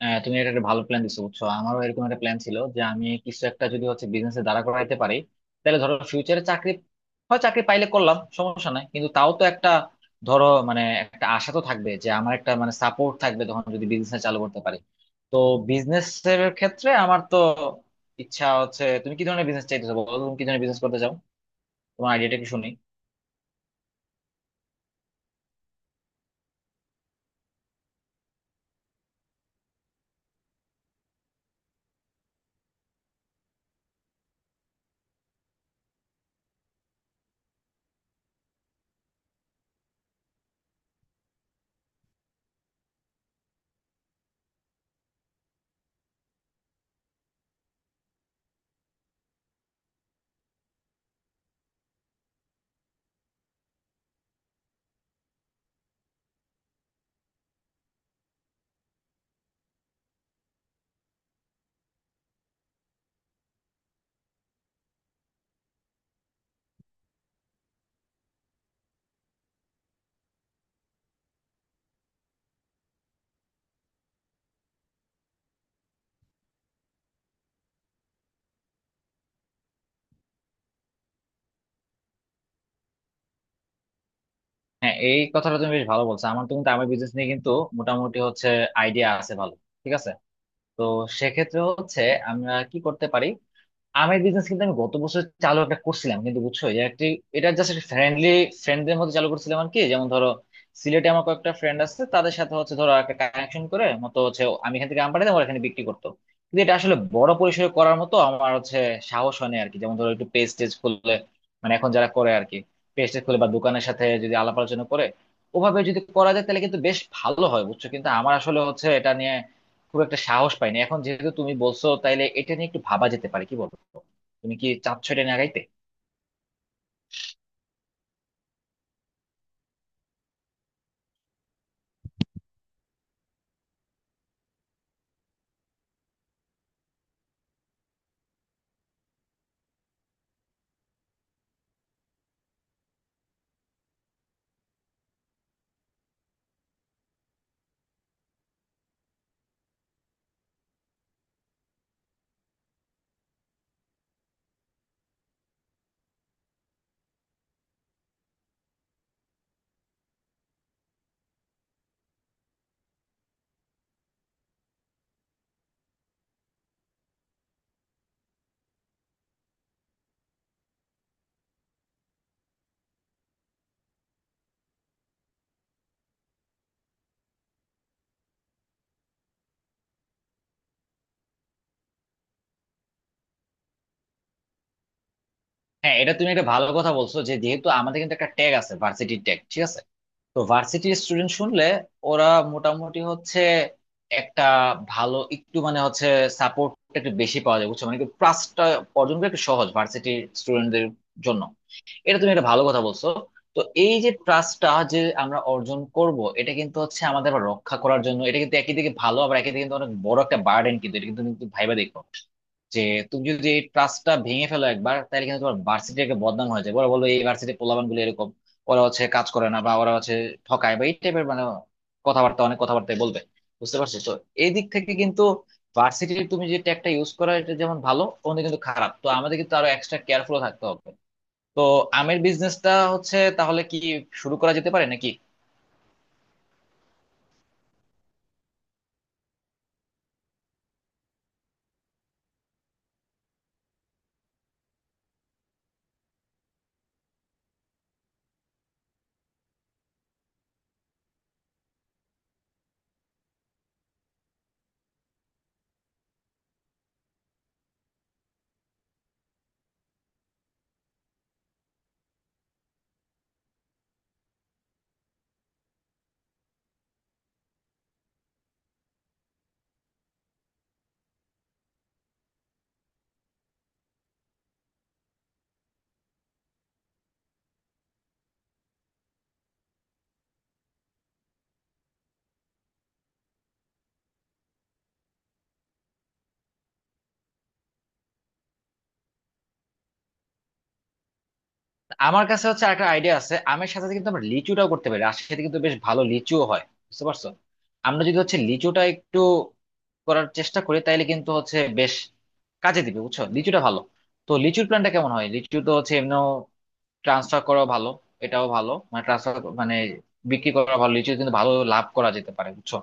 হ্যাঁ, তুমি এটা একটা ভালো প্ল্যান দিছো বুঝছো। আমারও এরকম একটা প্ল্যান ছিল যে আমি কিছু একটা যদি হচ্ছে বিজনেসে দাঁড়া করাইতে পারি, তাহলে ধরো ফিউচারে চাকরি হয়, চাকরি পাইলে করলাম, সমস্যা নাই, কিন্তু তাও তো একটা ধরো মানে একটা আশা তো থাকবে যে আমার একটা মানে সাপোর্ট থাকবে তখন যদি বিজনেস চালু করতে পারি। তো বিজনেস এর ক্ষেত্রে আমার তো ইচ্ছা হচ্ছে, তুমি কি ধরনের বিজনেস চাইতেছো বলো, তুমি কি ধরনের বিজনেস করতে চাও? তোমার আইডিয়াটা কি শুনি। হ্যাঁ, এই কথাটা তুমি বেশ ভালো বলছো। আমার তো কিন্তু আমার বিজনেস নিয়ে কিন্তু মোটামুটি হচ্ছে আইডিয়া আছে ভালো। ঠিক আছে। তো সেক্ষেত্রে হচ্ছে আমরা কি করতে পারি, আমের বিজনেস কিন্তু আমি গত বছর চালু একটা করছিলাম, কিন্তু বুঝছো এটা একটি, এটা জাস্ট একটা ফ্রেন্ডলি ফ্রেন্ডদের মধ্যে চালু করছিলাম আর কি। যেমন ধরো সিলেটে আমার কয়েকটা ফ্রেন্ড আছে তাদের সাথে হচ্ছে ধরো একটা কানেকশন করে মতো হচ্ছে আমি এখান থেকে আম পাঠাতাম ওরা এখানে বিক্রি করতো। কিন্তু এটা আসলে বড় পরিসরে করার মতো আমার হচ্ছে সাহস হয় না আর কি। যেমন ধরো একটু পেজ টেজ খুললে, মানে এখন যারা করে আর কি, পেজ টেজ খুলে বা দোকানের সাথে যদি আলাপ আলোচনা করে, ওভাবে যদি করা যায় তাহলে কিন্তু বেশ ভালো হয় বুঝছো। কিন্তু আমার আসলে হচ্ছে এটা নিয়ে খুব একটা সাহস পাইনি। এখন যেহেতু তুমি বলছো তাইলে এটা নিয়ে একটু ভাবা যেতে পারে, কি বলবো। তুমি কি চাচ্ছ এটা নিয়ে আগাইতে? হ্যাঁ, এটা তুমি একটা ভালো কথা বলছো যে যেহেতু আমাদের কিন্তু একটা ট্যাগ আছে, ভার্সিটির ট্যাগ। ঠিক আছে। তো ভার্সিটির স্টুডেন্ট শুনলে ওরা মোটামুটি হচ্ছে একটা ভালো একটু মানে হচ্ছে সাপোর্ট একটু বেশি পাওয়া যায় বুঝছো। মানে কি প্লাসটা অর্জন করা একটু সহজ ভার্সিটির স্টুডেন্টদের জন্য। এটা তুমি একটা ভালো কথা বলছো। তো এই যে ট্রাস্টটা যে আমরা অর্জন করব, এটা কিন্তু হচ্ছে আমাদের আবার রক্ষা করার জন্য এটা কিন্তু একই দিকে ভালো, আবার একই দিকে কিন্তু অনেক বড় একটা বার্ডেন। কিন্তু এটা কিন্তু তুমি ভাইবা দেখো, যে তুমি যদি এই ট্রাস্টটা ভেঙে ফেলো একবার, তাহলে কিন্তু তোমার ভার্সিটি একটা বদনাম হয়ে যায়। ওরা বলবো এই ভার্সিটির পোলাপান গুলো এরকম, ওরা হচ্ছে কাজ করে না, বা ওরা হচ্ছে ঠকায়, বা এই টাইপের মানে কথাবার্তা, অনেক কথাবার্তায় বলবে। বুঝতে পারছো তো? এই দিক থেকে কিন্তু ভার্সিটির তুমি যে ট্যাগটা ইউজ করো এটা যেমন ভালো, ওখানে কিন্তু খারাপ। তো আমাদের কিন্তু আরো এক্সট্রা কেয়ারফুল থাকতে হবে। তো আমের বিজনেসটা হচ্ছে তাহলে কি শুরু করা যেতে পারে নাকি? আমার কাছে হচ্ছে একটা আইডিয়া আছে, আমের সাথে সাথে কিন্তু আমরা লিচুটাও করতে পারি। রাজশাহীতে কিন্তু বেশ ভালো লিচুও হয় বুঝতে পারছো। আমরা যদি হচ্ছে লিচুটা একটু করার চেষ্টা করি তাইলে কিন্তু হচ্ছে বেশ কাজে দিবে বুঝছো, লিচুটা ভালো। তো লিচুর প্ল্যানটা কেমন হয়, লিচু তো হচ্ছে এমনিও ট্রান্সফার করা ভালো, এটাও ভালো, মানে ট্রান্সফার মানে বিক্রি করা ভালো। লিচু কিন্তু ভালো লাভ করা যেতে পারে বুঝছো।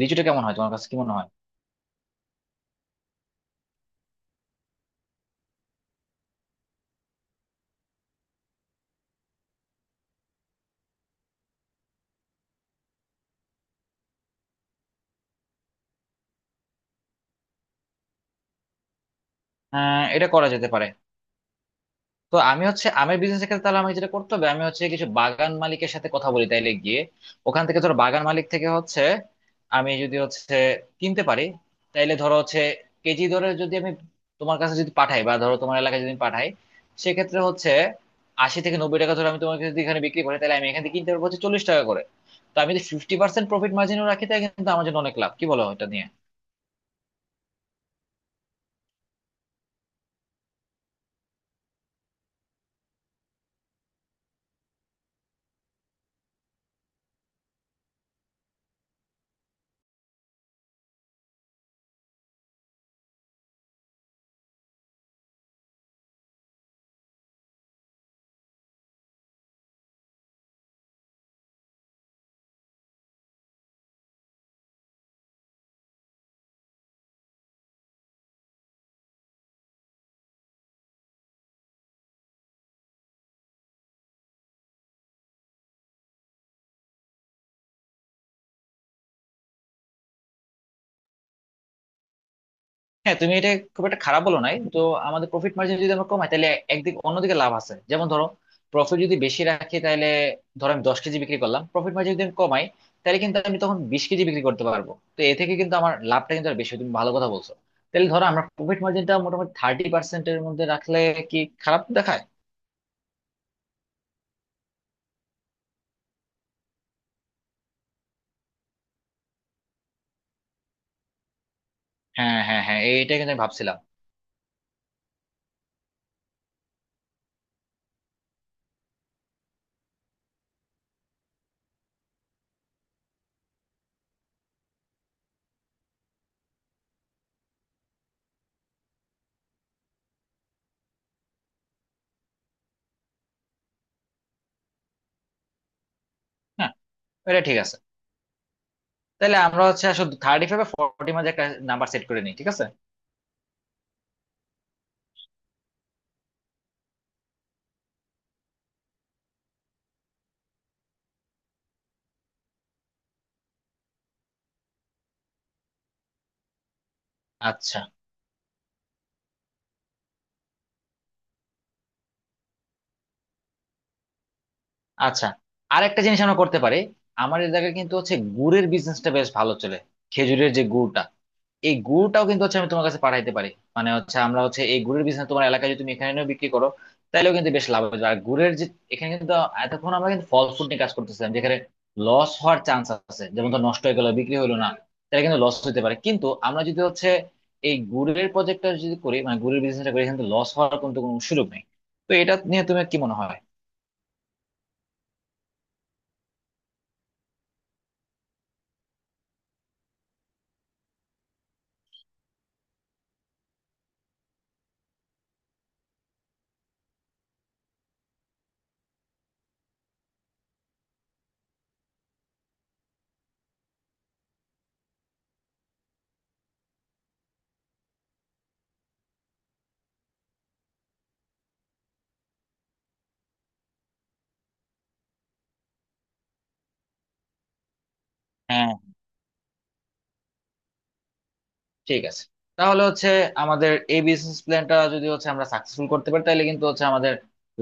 লিচুটা কেমন হয়, তোমার কাছে কি মনে হয়? হ্যাঁ, এটা করা যেতে পারে। তো আমি হচ্ছে আমের বিজনেস ক্ষেত্রে তাহলে আমি যেটা করতে হবে আমি হচ্ছে কিছু বাগান মালিকের সাথে কথা বলি তাইলে গিয়ে, ওখান থেকে ধরো বাগান মালিক থেকে হচ্ছে আমি যদি হচ্ছে কিনতে পারি, তাইলে ধরো হচ্ছে কেজি ধরে যদি আমি তোমার কাছে যদি পাঠাই বা ধরো তোমার এলাকায় যদি আমি পাঠাই, সেক্ষেত্রে হচ্ছে 80 থেকে 90 টাকা ধরে আমি তোমার কাছে যদি এখানে বিক্রি করি, তাহলে আমি এখান থেকে কিনতে পারবো হচ্ছে 40 টাকা করে। তো আমি যদি 50% প্রফিট মার্জিনও রাখি তাহলে কিন্তু আমার জন্য অনেক লাভ, কি বলো এটা নিয়ে? হ্যাঁ, তুমি এটা খুব একটা খারাপ বলো নাই তো। আমাদের প্রফিট মার্জিন যদি আমরা কমাই তাহলে একদিক অন্যদিকে লাভ আছে। যেমন ধরো, প্রফিট যদি বেশি রাখি তাহলে ধরো আমি 10 কেজি বিক্রি করলাম, প্রফিট মার্জিন যদি আমি কমাই তাহলে কিন্তু আমি তখন 20 কেজি বিক্রি করতে পারবো। তো এ থেকে কিন্তু আমার লাভটা কিন্তু আর বেশি হয়। তুমি ভালো কথা বলছো। তাহলে ধরো আমরা প্রফিট মার্জিনটা মোটামুটি 30%-এর মধ্যে রাখলে কি খারাপ দেখায়? হ্যাঁ, হ্যাঁ, হ্যাঁ, এইটা কিন্তু আমি ভাবছিলাম। হ্যাঁ, এটা ঠিক আছে। তাহলে আমরা হচ্ছে আসলে 35 বা 40-এর মধ্যে একটা নাম্বার সেট করে নিই, ঠিক আছে। আচ্ছা, আচ্ছা। আর একটা জিনিস আমরা করতে পারি, আমার এলাকায় কিন্তু হচ্ছে গুড়ের বিজনেসটা বেশ ভালো চলে। খেজুরের যে গুড়টা, এই গুড়টাও কিন্তু হচ্ছে আমি তোমার কাছে পাঠাইতে পারি। মানে হচ্ছে আমরা হচ্ছে এই গুড়ের বিজনেস তোমার এলাকায় যদি তুমি এখানে এনেও বিক্রি করো, তাহলেও কিন্তু বেশ লাভ হবে। আর গুড়ের যে, এখানে কিন্তু এতক্ষণ আমরা কিন্তু ফল ফুড নিয়ে কাজ করতেছিলাম যেখানে লস হওয়ার চান্স আছে, যেমন ধর নষ্ট হয়ে গেল, বিক্রি হলো না, তাহলে কিন্তু লস হতে পারে। কিন্তু আমরা যদি হচ্ছে এই গুড়ের প্রজেক্টটা যদি করি, মানে গুড়ের বিজনেসটা করি, কিন্তু লস হওয়ার কিন্তু কোনো সুযোগ নেই। তো এটা নিয়ে তুমি কি মনে হয়? ঠিক আছে। তাহলে হচ্ছে আমাদের এই বিজনেস প্ল্যানটা যদি হচ্ছে আমরা সাকসেসফুল করতে পারি, তাহলে কিন্তু হচ্ছে আমাদের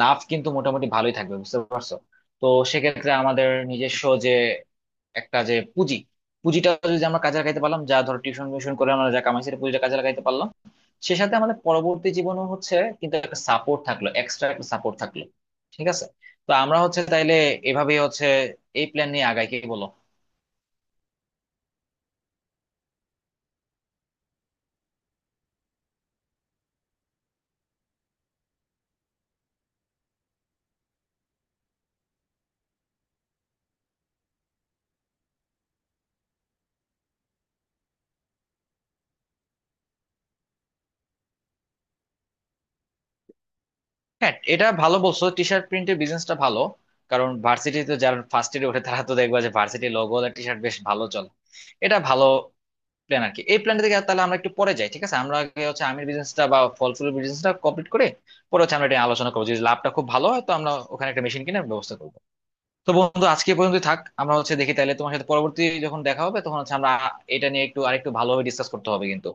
লাভ কিন্তু মোটামুটি ভালোই থাকবে বুঝতে পারছো। তো সেক্ষেত্রে আমাদের নিজস্ব যে একটা যে পুঁজি, পুঁজিটা যদি আমরা কাজে লাগাইতে পারলাম, যা ধরো টিউশন মিউশন করে আমরা যা কামাইছি সেই পুঁজিটা কাজে লাগাইতে পারলাম, সে সাথে আমাদের পরবর্তী জীবনও হচ্ছে কিন্তু একটা সাপোর্ট থাকলো, এক্সট্রা একটা সাপোর্ট থাকলো। ঠিক আছে। তো আমরা হচ্ছে তাইলে এভাবেই হচ্ছে এই প্ল্যান নিয়ে আগাই, কি বলো? হ্যাঁ, এটা ভালো বলছো, টি শার্ট প্রিন্টের বিজনেসটা ভালো। কারণ ভার্সিটিতে যারা ফার্স্ট ইয়ারে ওঠে তারা তো দেখবা যে ভার্সিটি লোগো আর টি শার্ট বেশ ভালো চলে। এটা ভালো প্ল্যান আর কি। এই প্ল্যানটা থেকে তাহলে আমরা একটু পরে যাই, ঠিক আছে। আমরা আগে হচ্ছে আমের বিজনেসটা বা ফল ফুলের বিজনেসটা কমপ্লিট করে, পরে হচ্ছে আমরা এটা নিয়ে আলোচনা করবো। যদি লাভটা খুব ভালো হয় তো আমরা ওখানে একটা মেশিন কেনার ব্যবস্থা করবো। তো বন্ধু, আজকে পর্যন্ত থাক, আমরা হচ্ছে দেখি তাহলে তোমার সাথে পরবর্তী যখন দেখা হবে তখন হচ্ছে আমরা এটা নিয়ে একটু আরেকটু ভালোভাবে ডিসকাস করতে হবে কিন্তু।